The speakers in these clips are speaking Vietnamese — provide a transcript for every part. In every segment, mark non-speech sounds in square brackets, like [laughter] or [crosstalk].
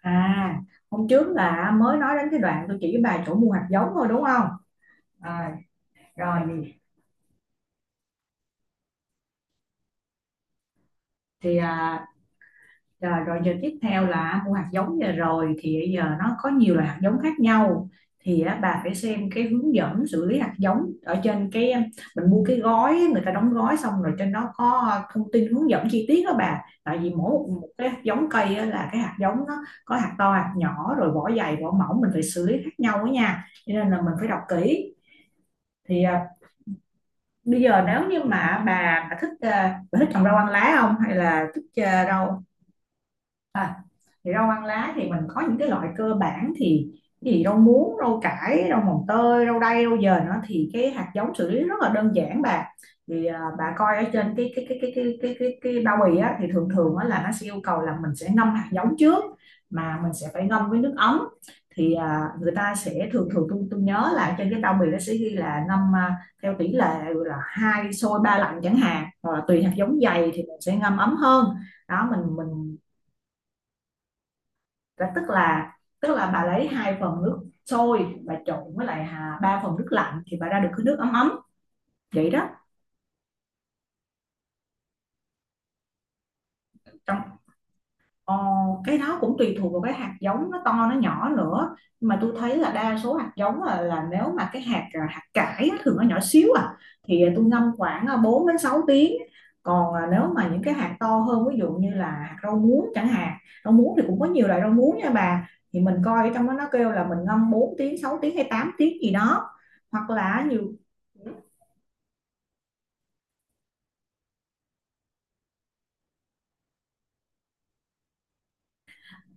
À, hôm trước là mới nói đến cái đoạn tôi chỉ bà chỗ mua hạt giống thôi đúng không? À, rồi thì à, rồi giờ tiếp theo là mua hạt giống, giờ rồi thì giờ nó có nhiều loại hạt giống khác nhau thì á, bà phải xem cái hướng dẫn xử lý hạt giống ở trên cái à, mình mua cái gói người ta đóng gói xong, rồi trên đó có thông tin hướng dẫn chi tiết đó bà. Tại vì mỗi một cái hạt giống cây á, là cái hạt giống nó có hạt to hạt nhỏ rồi vỏ dày vỏ mỏng, mình phải xử lý khác nhau đó nha, cho nên là mình phải đọc kỹ. Thì à, bây giờ nếu như mà bà thích bà thích trồng rau ăn lá không, hay là thích rau. À, thì rau ăn lá thì mình có những cái loại cơ bản thì rau muống, rau cải, rau mồng tơi, rau đay, rau dền đó, thì cái hạt giống xử lý rất là đơn giản bà. Thì à, bà coi ở trên cái bao bì á, thì thường thường á là nó sẽ yêu cầu là mình sẽ ngâm hạt giống trước, mà mình sẽ phải ngâm với nước ấm. Thì à, người ta sẽ thường thường, tôi nhớ là trên cái bao bì nó sẽ ghi là ngâm à, theo tỷ lệ là hai sôi ba lạnh chẳng hạn, hoặc là tùy hạt giống dày thì mình sẽ ngâm ấm hơn đó. Mình và tức là bà lấy hai phần nước sôi, bà trộn với lại hà, ba phần nước lạnh thì bà ra được cái nước ấm ấm vậy đó. Trong Ờ, cái đó cũng tùy thuộc vào cái hạt giống nó to nó nhỏ nữa, nhưng mà tôi thấy là đa số hạt giống là nếu mà cái hạt à, hạt cải á, thường nó nhỏ xíu à, thì à, tôi ngâm khoảng à, 4 đến 6 tiếng. Còn à, nếu mà những cái hạt to hơn, ví dụ như là hạt rau muống chẳng hạn, rau muống thì cũng có nhiều loại rau muống nha bà, thì mình coi ở trong đó nó kêu là mình ngâm 4 tiếng 6 tiếng hay 8 tiếng gì đó, hoặc là nhiều.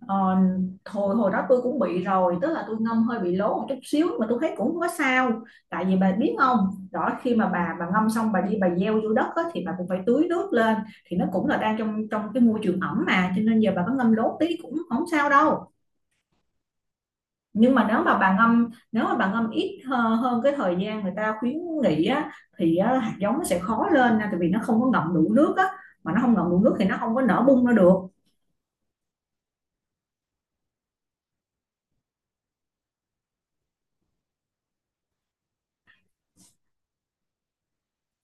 Ờ, hồi hồi đó tôi cũng bị rồi, tức là tôi ngâm hơi bị lố một chút xíu mà tôi thấy cũng không có sao. Tại vì bà biết không, đó khi mà bà ngâm xong bà đi bà gieo vô đất á, thì bà cũng phải tưới nước lên, thì nó cũng là đang trong trong cái môi trường ẩm mà, cho nên giờ bà có ngâm lố tí cũng không sao đâu. Nhưng mà nếu mà bà ngâm, nếu mà bà ngâm ít hơn cái thời gian người ta khuyến nghị á, thì á, hạt giống nó sẽ khó lên nha, tại vì nó không có ngậm đủ nước á, mà nó không ngậm đủ nước thì nó không có nở bung ra được.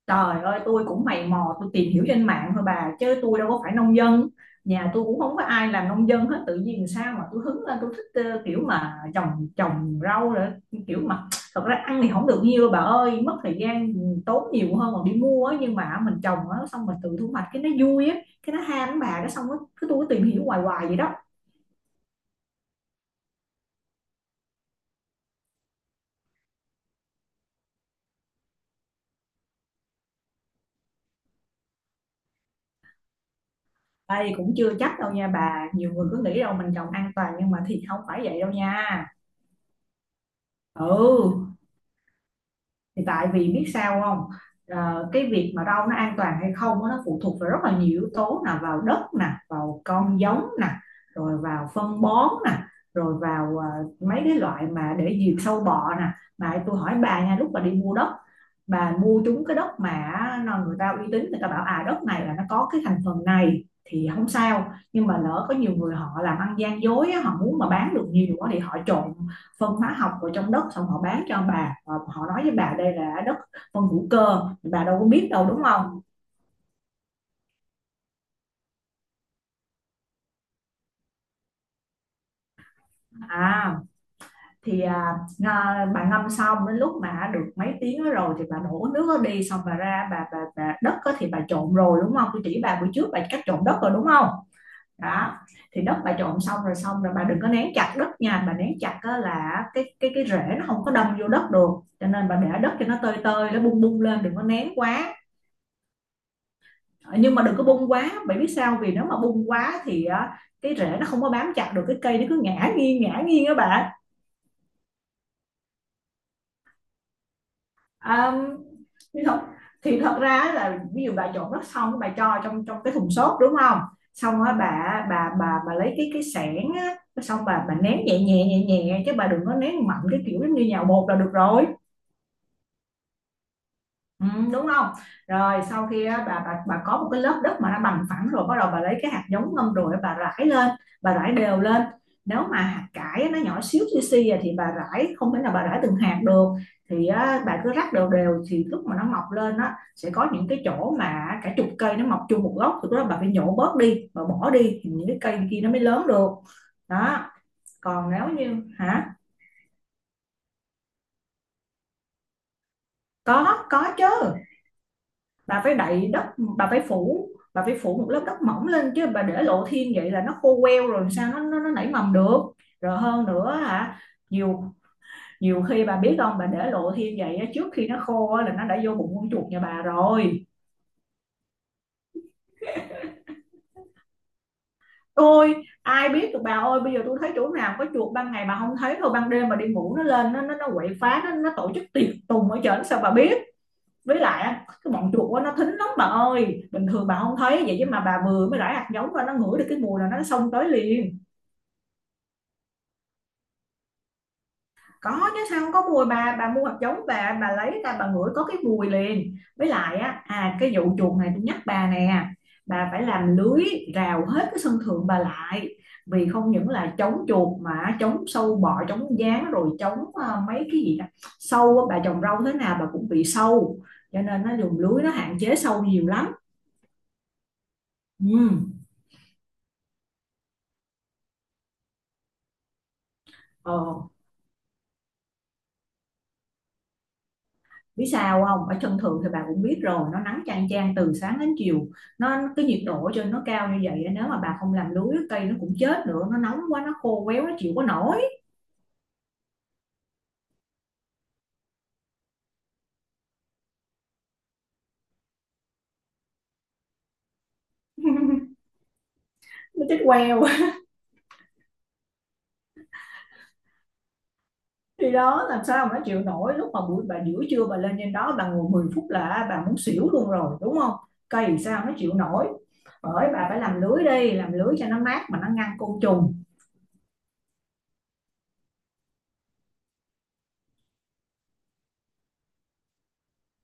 Trời ơi, tôi cũng mày mò, tôi tìm hiểu trên mạng thôi bà, chứ tôi đâu có phải nông dân. Nhà tôi cũng không có ai làm nông dân hết, tự nhiên sao mà tôi hứng lên, tôi thích kiểu mà trồng trồng rau rồi, kiểu mà, thật ra ăn thì không được nhiều đâu bà ơi, mất thời gian tốn nhiều hơn còn đi mua ấy, nhưng mà mình trồng á, xong mình tự thu hoạch cái nó vui á, cái nó ham á bà, cái xong á, cứ tôi cứ tìm hiểu hoài hoài vậy đó. Đây cũng chưa chắc đâu nha bà, nhiều người cứ nghĩ đâu mình trồng an toàn nhưng mà thì không phải vậy đâu nha. Ừ. Thì tại vì biết sao không, Ờ, cái việc mà rau nó an toàn hay không nó phụ thuộc vào rất là nhiều yếu tố, là vào đất nè, vào con giống nè, rồi vào phân bón nè, rồi vào mấy cái loại mà để diệt sâu bọ nè. Mà tôi hỏi bà nha, lúc bà đi mua đất, bà mua trúng cái đất mà người ta uy tín, người ta bảo à đất này là nó có cái thành phần này thì không sao, nhưng mà lỡ có nhiều người họ làm ăn gian dối, họ muốn mà bán được nhiều quá thì họ trộn phân hóa học vào trong đất, xong họ bán cho ông bà họ, nói với bà đây là đất phân hữu cơ, bà đâu có biết đâu đúng không. À thì à, à, bà ngâm xong đến lúc mà được mấy tiếng đó rồi thì bà đổ nước đó đi, xong bà ra bà đất đó thì bà trộn rồi đúng không, tôi chỉ bà buổi trước bà cách trộn đất rồi đúng không. Đó, thì đất bà trộn xong rồi, xong rồi bà đừng có nén chặt đất nha bà, nén chặt là cái rễ nó không có đâm vô đất được, cho nên bà để đất cho nó tơi tơi, nó bung bung lên, đừng có nén quá. Nhưng mà đừng có bung quá bạn biết sao, vì nếu mà bung quá thì cái rễ nó không có bám chặt được, cái cây nó cứ ngã nghiêng các bạn. À, thì thật thì thật ra là, ví dụ bà trộn đất xong bà cho trong trong cái thùng xốp đúng không, xong á bà lấy cái xẻng á, xong bà nén nhẹ nhẹ nhẹ nhẹ chứ bà đừng có nén mạnh, cái kiểu giống như nhào bột là được rồi. Ừ, đúng không? Rồi sau khi á, bà có một cái lớp đất mà nó bằng phẳng rồi, bắt đầu bà lấy cái hạt giống ngâm rồi bà rải lên, bà rải đều lên. Nếu mà hạt cải á, nó nhỏ xíu xì xì à, thì bà rải không thể nào bà rải từng hạt được. Thì á, bà cứ rắc đều đều thì lúc mà nó mọc lên á sẽ có những cái chỗ mà cả chục cây nó mọc chung một gốc, thì lúc đó bà phải nhổ bớt đi, bà bỏ đi thì những cái cây kia nó mới lớn được. Đó, còn nếu như hả? Có chứ. Bà phải đậy đất, bà phải phủ, bà phải phủ một lớp đất mỏng lên, chứ bà để lộ thiên vậy là nó khô queo rồi sao nó nảy mầm được. Rồi hơn nữa hả, nhiều, nhiều khi bà biết không, bà để lộ thiên vậy trước khi nó khô là nó đã vô bụng con chuột nhà bà rồi. Ôi, ai biết được bà ơi, bây giờ tôi thấy chỗ nào có chuột, ban ngày bà không thấy thôi, ban đêm bà đi ngủ nó lên nó quậy phá, nó tổ chức tiệc tùng ở trển sao bà biết. Với lại cái bọn chuột á, nó thính lắm bà ơi, bình thường bà không thấy vậy chứ mà bà vừa mới rải hạt giống ra nó ngửi được cái mùi là nó xông tới liền. Có chứ, sao không có mùi bà mua hạt giống bà lấy ra bà ngửi có cái mùi liền. Với lại á à, cái vụ chuột này tôi nhắc bà nè, bà phải làm lưới rào hết cái sân thượng bà lại, vì không những là chống chuột mà chống sâu bọ, chống gián, rồi chống mấy cái gì đó, sâu á, bà trồng rau thế nào bà cũng bị sâu, cho nên nó dùng lưới nó hạn chế sâu nhiều lắm. Ừ. Ờ, biết sao không, ở chân thường thì bà cũng biết rồi, nó nắng chang chang từ sáng đến chiều, nó cái nhiệt độ ở trên nó cao như vậy, nếu mà bà không làm lưới cây nó cũng chết nữa, nó nóng quá, nó khô quéo, nó chịu có nổi. [laughs] Nó chết queo. Thì đó, làm sao mà nó chịu nổi, lúc mà buổi bà giữa trưa bà lên trên đó bà ngồi 10 phút là bà muốn xỉu luôn rồi đúng không, cây sao nó chịu nổi. Bởi bà phải làm lưới đi, làm lưới cho nó mát mà nó ngăn côn trùng.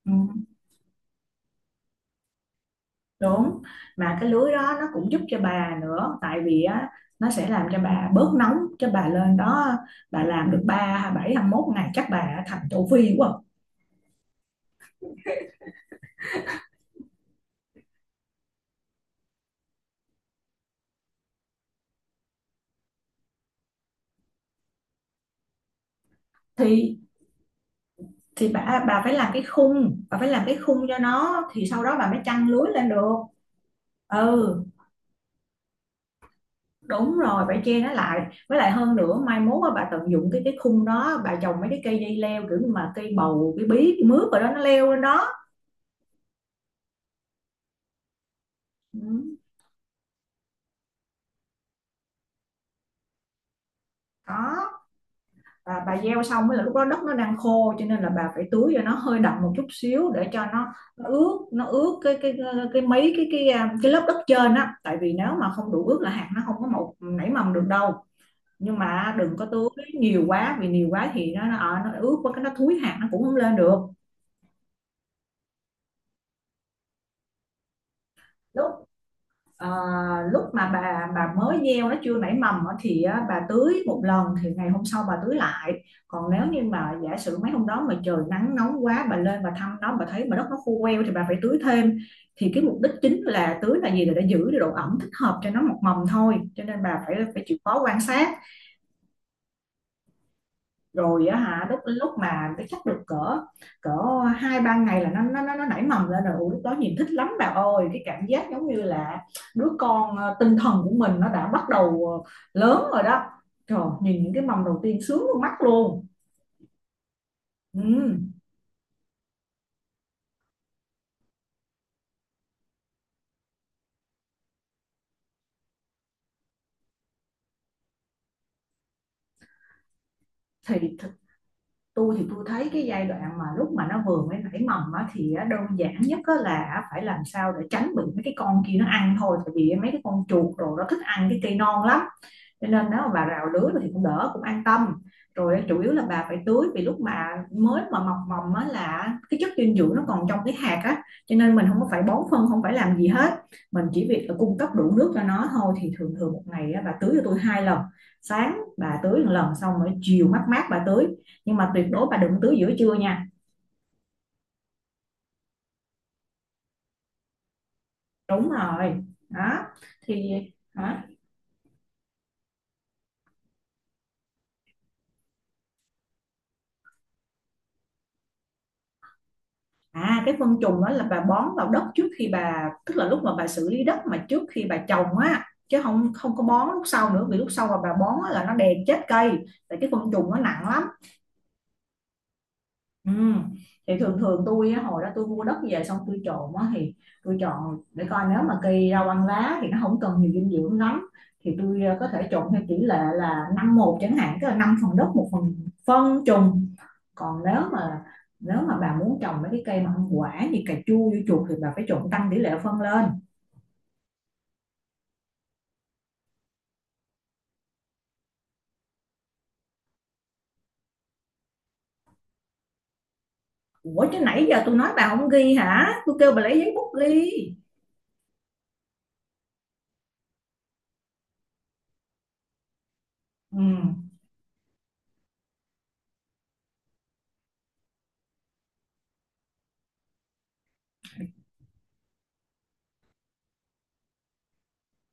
Ừ. Đúng, mà cái lưới đó nó cũng giúp cho bà nữa, tại vì á nó sẽ làm cho bà bớt nóng, cho bà lên đó bà làm được 3 27 mốt ngày chắc bà thành châu Phi quá. Thì thì bà phải làm cái khung, bà phải làm cái khung cho nó thì sau đó bà mới chăng lưới lên được. Ừ, đúng rồi, phải che nó lại. Với lại hơn nữa mai mốt á, bà tận dụng cái khung đó, bà trồng mấy cái cây dây leo kiểu như mà cây bầu, cây bí, cây mướp rồi đó nó leo lên đó. Ừ, đó. Và bà gieo xong mới là lúc đó đất nó đang khô, cho nên là bà phải tưới cho nó hơi đậm một chút xíu để cho nó ướt, nó ướt cái mấy cái à, cái lớp đất trên á, tại vì nếu mà không đủ ướt là hạt nó không có mọc nảy mầm được đâu. Nhưng mà đừng có tưới nhiều quá, vì nhiều quá thì nó ướt quá cái nó thúi hạt nó cũng không lên được. Đúng. Ờ, lúc mà bà mới gieo nó chưa nảy mầm á, thì á, bà tưới một lần thì ngày hôm sau bà tưới lại. Còn nếu như mà giả sử mấy hôm đó mà trời nắng nóng quá, bà lên bà thăm nó, bà thấy mà đất nó khô queo thì bà phải tưới thêm. Thì cái mục đích chính là tưới là gì, là để giữ được độ ẩm thích hợp cho nó mọc mầm thôi, cho nên bà phải phải chịu khó quan sát. Rồi á hả, lúc lúc mà nó chắc được cỡ cỡ hai ba ngày là nó nảy mầm lên rồi. Ủa, lúc đó nhìn thích lắm bà ơi, cái cảm giác giống như là đứa con ờ, tinh thần của mình nó đã bắt đầu ờ, lớn rồi đó. Trời, nhìn những cái mầm đầu tiên sướng luôn, mắt luôn. Ừ. thì th- tôi thì tôi thấy cái giai đoạn mà lúc mà nó vừa mới nảy mầm á, thì á, đơn giản nhất á là phải làm sao để tránh bị mấy cái con kia nó ăn thôi, tại vì mấy cái con chuột đồ nó thích ăn cái cây non lắm. Cho nên nếu mà bà rào lứa thì cũng đỡ, cũng an tâm. Rồi chủ yếu là bà phải tưới, vì lúc mà mới mọc mầm á là cái chất dinh dưỡng nó còn trong cái hạt á, cho nên mình không có phải bón phân, không phải làm gì hết. Mình chỉ việc là cung cấp đủ nước cho nó thôi. Thì thường thường một ngày á, bà tưới cho tôi hai lần. Sáng bà tưới một lần, xong rồi chiều mát mát bà tưới. Nhưng mà tuyệt đối bà đừng tưới giữa trưa nha. Đúng rồi đó. Thì đó À, cái phân trùng đó là bà bón vào đất trước khi bà, tức là lúc mà bà xử lý đất mà trước khi bà trồng á, chứ không, không có bón lúc sau nữa, vì lúc sau mà bà bón á, là nó đè chết cây. Tại cái phân trùng nó nặng lắm. Ừ. Thì thường thường tôi á, hồi đó tôi mua đất về xong tôi trộn á, thì tôi chọn để coi nếu mà cây rau ăn lá thì nó không cần nhiều dinh dưỡng lắm, thì tôi có thể trộn theo tỷ lệ là năm một chẳng hạn, tức là năm phần đất một phần phân trùng. Còn nếu mà bà muốn trồng mấy cái cây mà không quả như cà chua dưa chuột thì bà phải trộn tăng tỷ lệ phân lên. Ủa chứ nãy giờ tôi nói bà không ghi hả, tôi kêu bà lấy giấy bút ghi. Ừ,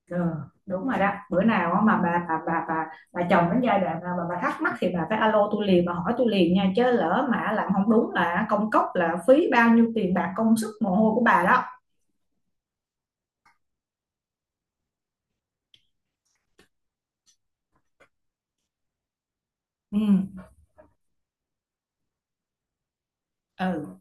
ừ đúng rồi đó. Bữa nào mà bà chồng đến giai đoạn nào mà bà thắc mắc thì bà phải alo tôi liền, bà hỏi tôi liền nha, chứ lỡ mà làm không đúng là công cốc, là phí bao nhiêu tiền bạc công sức mồ hôi của bà đó. Ừ. Ừ.